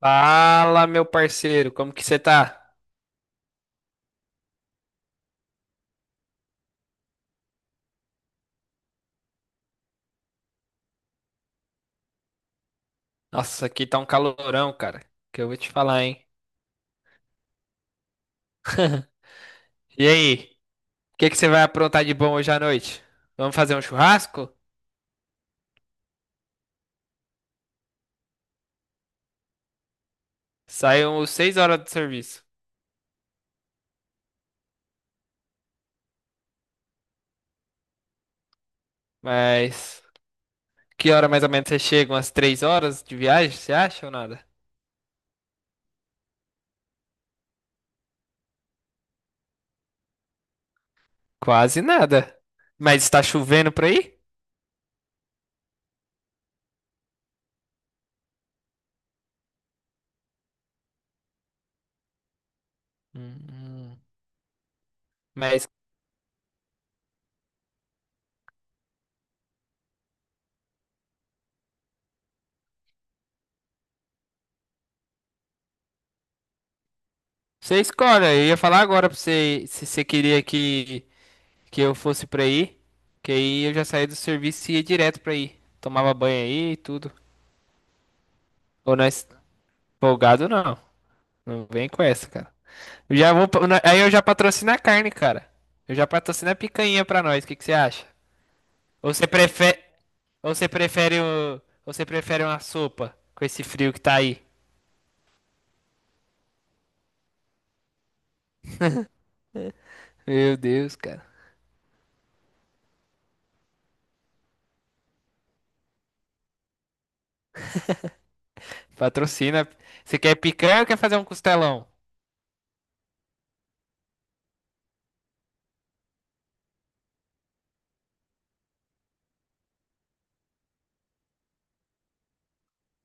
Fala, meu parceiro, como que você tá? Nossa, aqui tá um calorão, cara, que eu vou te falar, hein? E aí, o que que você vai aprontar de bom hoje à noite? Vamos fazer um churrasco? Saiu 6 horas do serviço, mas que hora mais ou menos você chega? Umas 3 horas de viagem, você acha ou nada? Quase nada. Mas está chovendo por aí? Hum, hum. Mas você escolhe, eu ia falar agora pra você se você queria que eu fosse pra aí, que aí eu já saía do serviço e ia direto pra aí. Tomava banho aí e tudo. Ou nós folgado não. Não vem com essa, cara. Eu já vou, aí eu já patrocino a carne, cara. Eu já patrocino a picanha pra nós. O que que você acha? Ou você prefere, ou você prefere o, ou você prefere uma sopa com esse frio que tá aí? Meu Deus, cara. Patrocina. Você quer picanha ou quer fazer um costelão?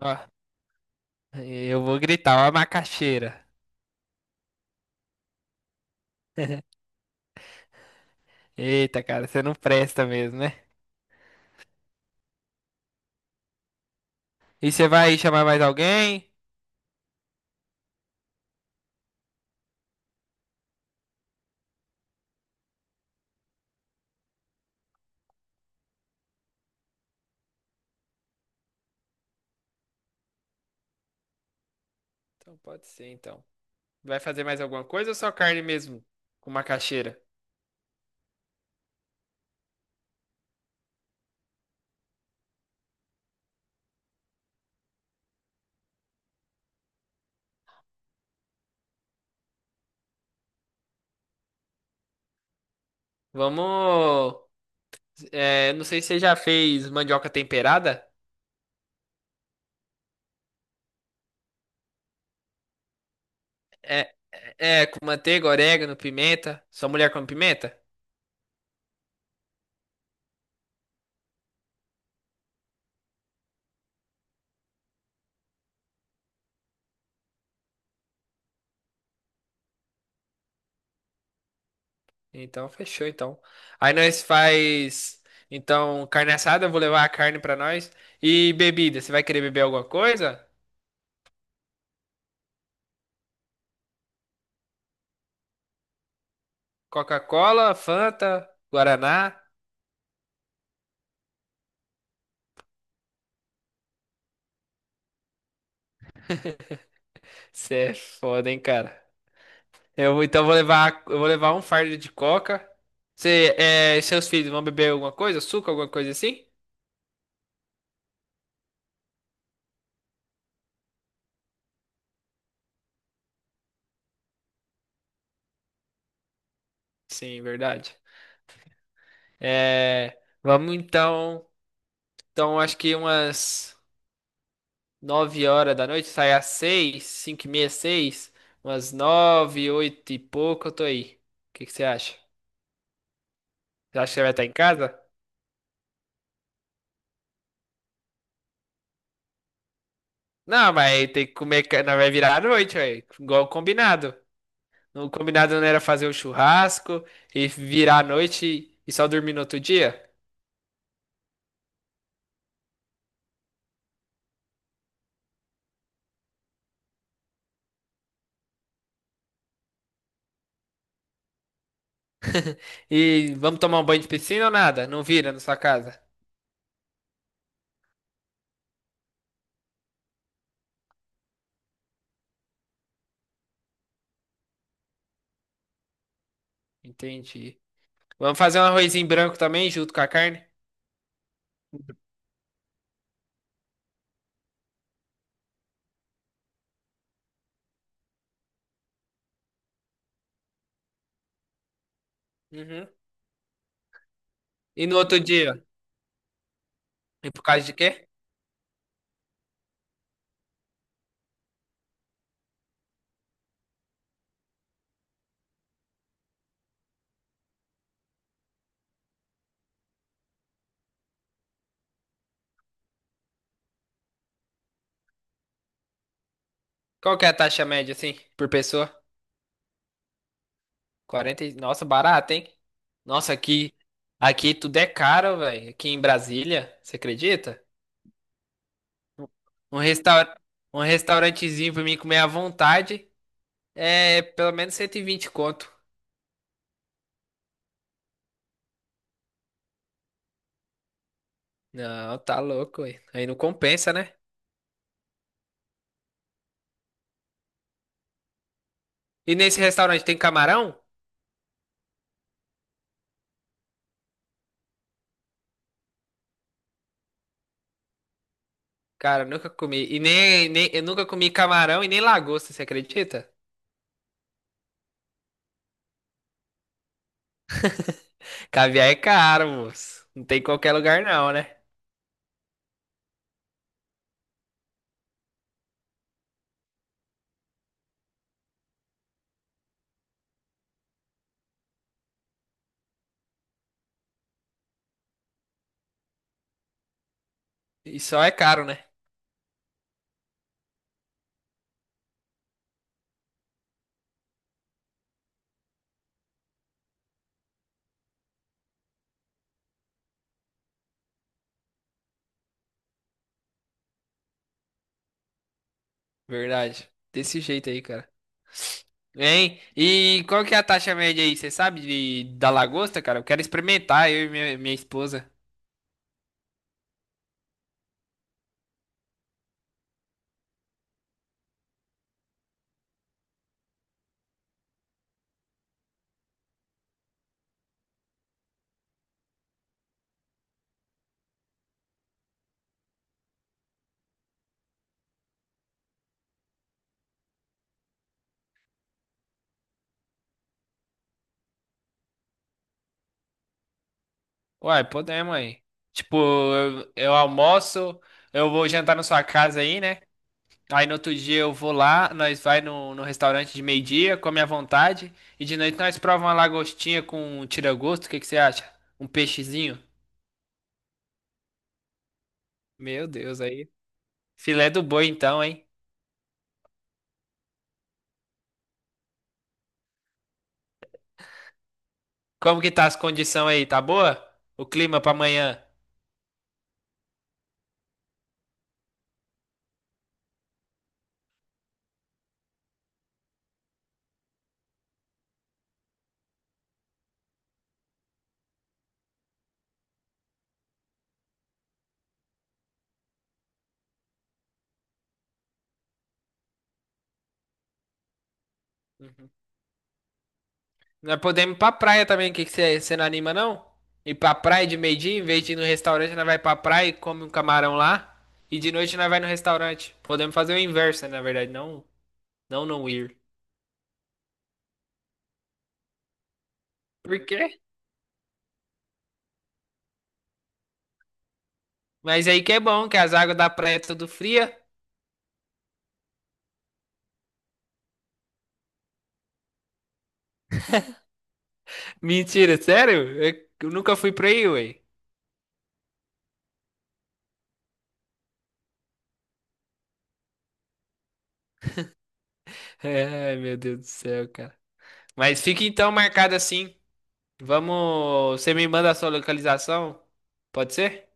Ó, eu vou gritar, ó, a macaxeira. Eita, cara, você não presta mesmo, né? E você vai chamar mais alguém? Então pode ser, então. Vai fazer mais alguma coisa ou só carne mesmo? Com macaxeira? Vamos. É, não sei se você já fez mandioca temperada. É, é, com manteiga, orégano, pimenta. Sua mulher come pimenta? Então fechou, então. Aí nós faz. Então, carne assada, eu vou levar a carne pra nós. E bebida, você vai querer beber alguma coisa? Coca-Cola, Fanta, Guaraná? Você é foda, hein, cara. Então eu vou levar um fardo de coca. Você, é, seus filhos vão beber alguma coisa? Suco, alguma coisa assim? Sim, verdade. É, vamos então. Então acho que umas 9 horas da noite, sai às 6, 5 e meia, 6, umas 9, 8 e pouco eu tô aí. O que que você acha? Você acha que você vai estar em casa? Não, mas tem que comer, ca- não vai virar à noite, velho. Igual combinado. O combinado não era fazer o churrasco e virar à noite e só dormir no outro dia? E vamos tomar um banho de piscina ou nada? Não vira na sua casa. Entendi. Vamos fazer um arrozinho branco também, junto com a carne? Uhum. E no outro dia? E por causa de quê? Qual que é a taxa média, assim, por pessoa? 40. Nossa, barato, hein? Nossa, aqui, aqui tudo é caro, velho. Aqui em Brasília, você acredita? Um restaur... Um restaurantezinho pra mim comer à vontade é pelo menos 120 conto. Não, tá louco, ué. Aí não compensa, né? E nesse restaurante tem camarão? Cara, eu nunca comi. E nem, nem, eu nunca comi camarão e nem lagosta, você acredita? Caviar é caro, moço. Não tem em qualquer lugar, não, né? E só é caro, né? Verdade. Desse jeito aí, cara. Hein? E qual que é a taxa média aí? Você sabe da lagosta, cara? Eu quero experimentar, eu e minha esposa. Uai, podemos aí. Tipo, eu almoço, eu vou jantar na sua casa aí, né? Aí no outro dia eu vou lá, nós vai no restaurante de meio-dia, come à vontade, e de noite nós prova uma lagostinha com um tira-gosto, o que que você acha? Um peixezinho? Meu Deus, aí. Filé do boi então, hein? Como que tá as condições aí? Tá boa? O clima pra amanhã? Uhum. Nós podemos ir pra praia também, que você não anima, não? Ir pra praia de meio-dia, em vez de ir no restaurante, nós vai pra praia e come um camarão lá. E de noite nós vai no restaurante. Podemos fazer o inverso, né, na verdade, não, não não ir. Por quê? Mas aí que é bom, que as águas da praia é tudo fria. Mentira, sério? Eu nunca fui pra aí, ué. É, ai, meu Deus do céu, cara. Mas fica então marcado assim. Vamos. Você me manda a sua localização? Pode ser?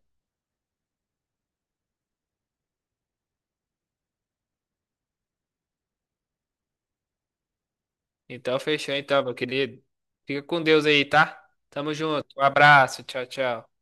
Então fechou, então, meu querido. Fica com Deus aí, tá? Tamo junto. Um abraço. Tchau, tchau.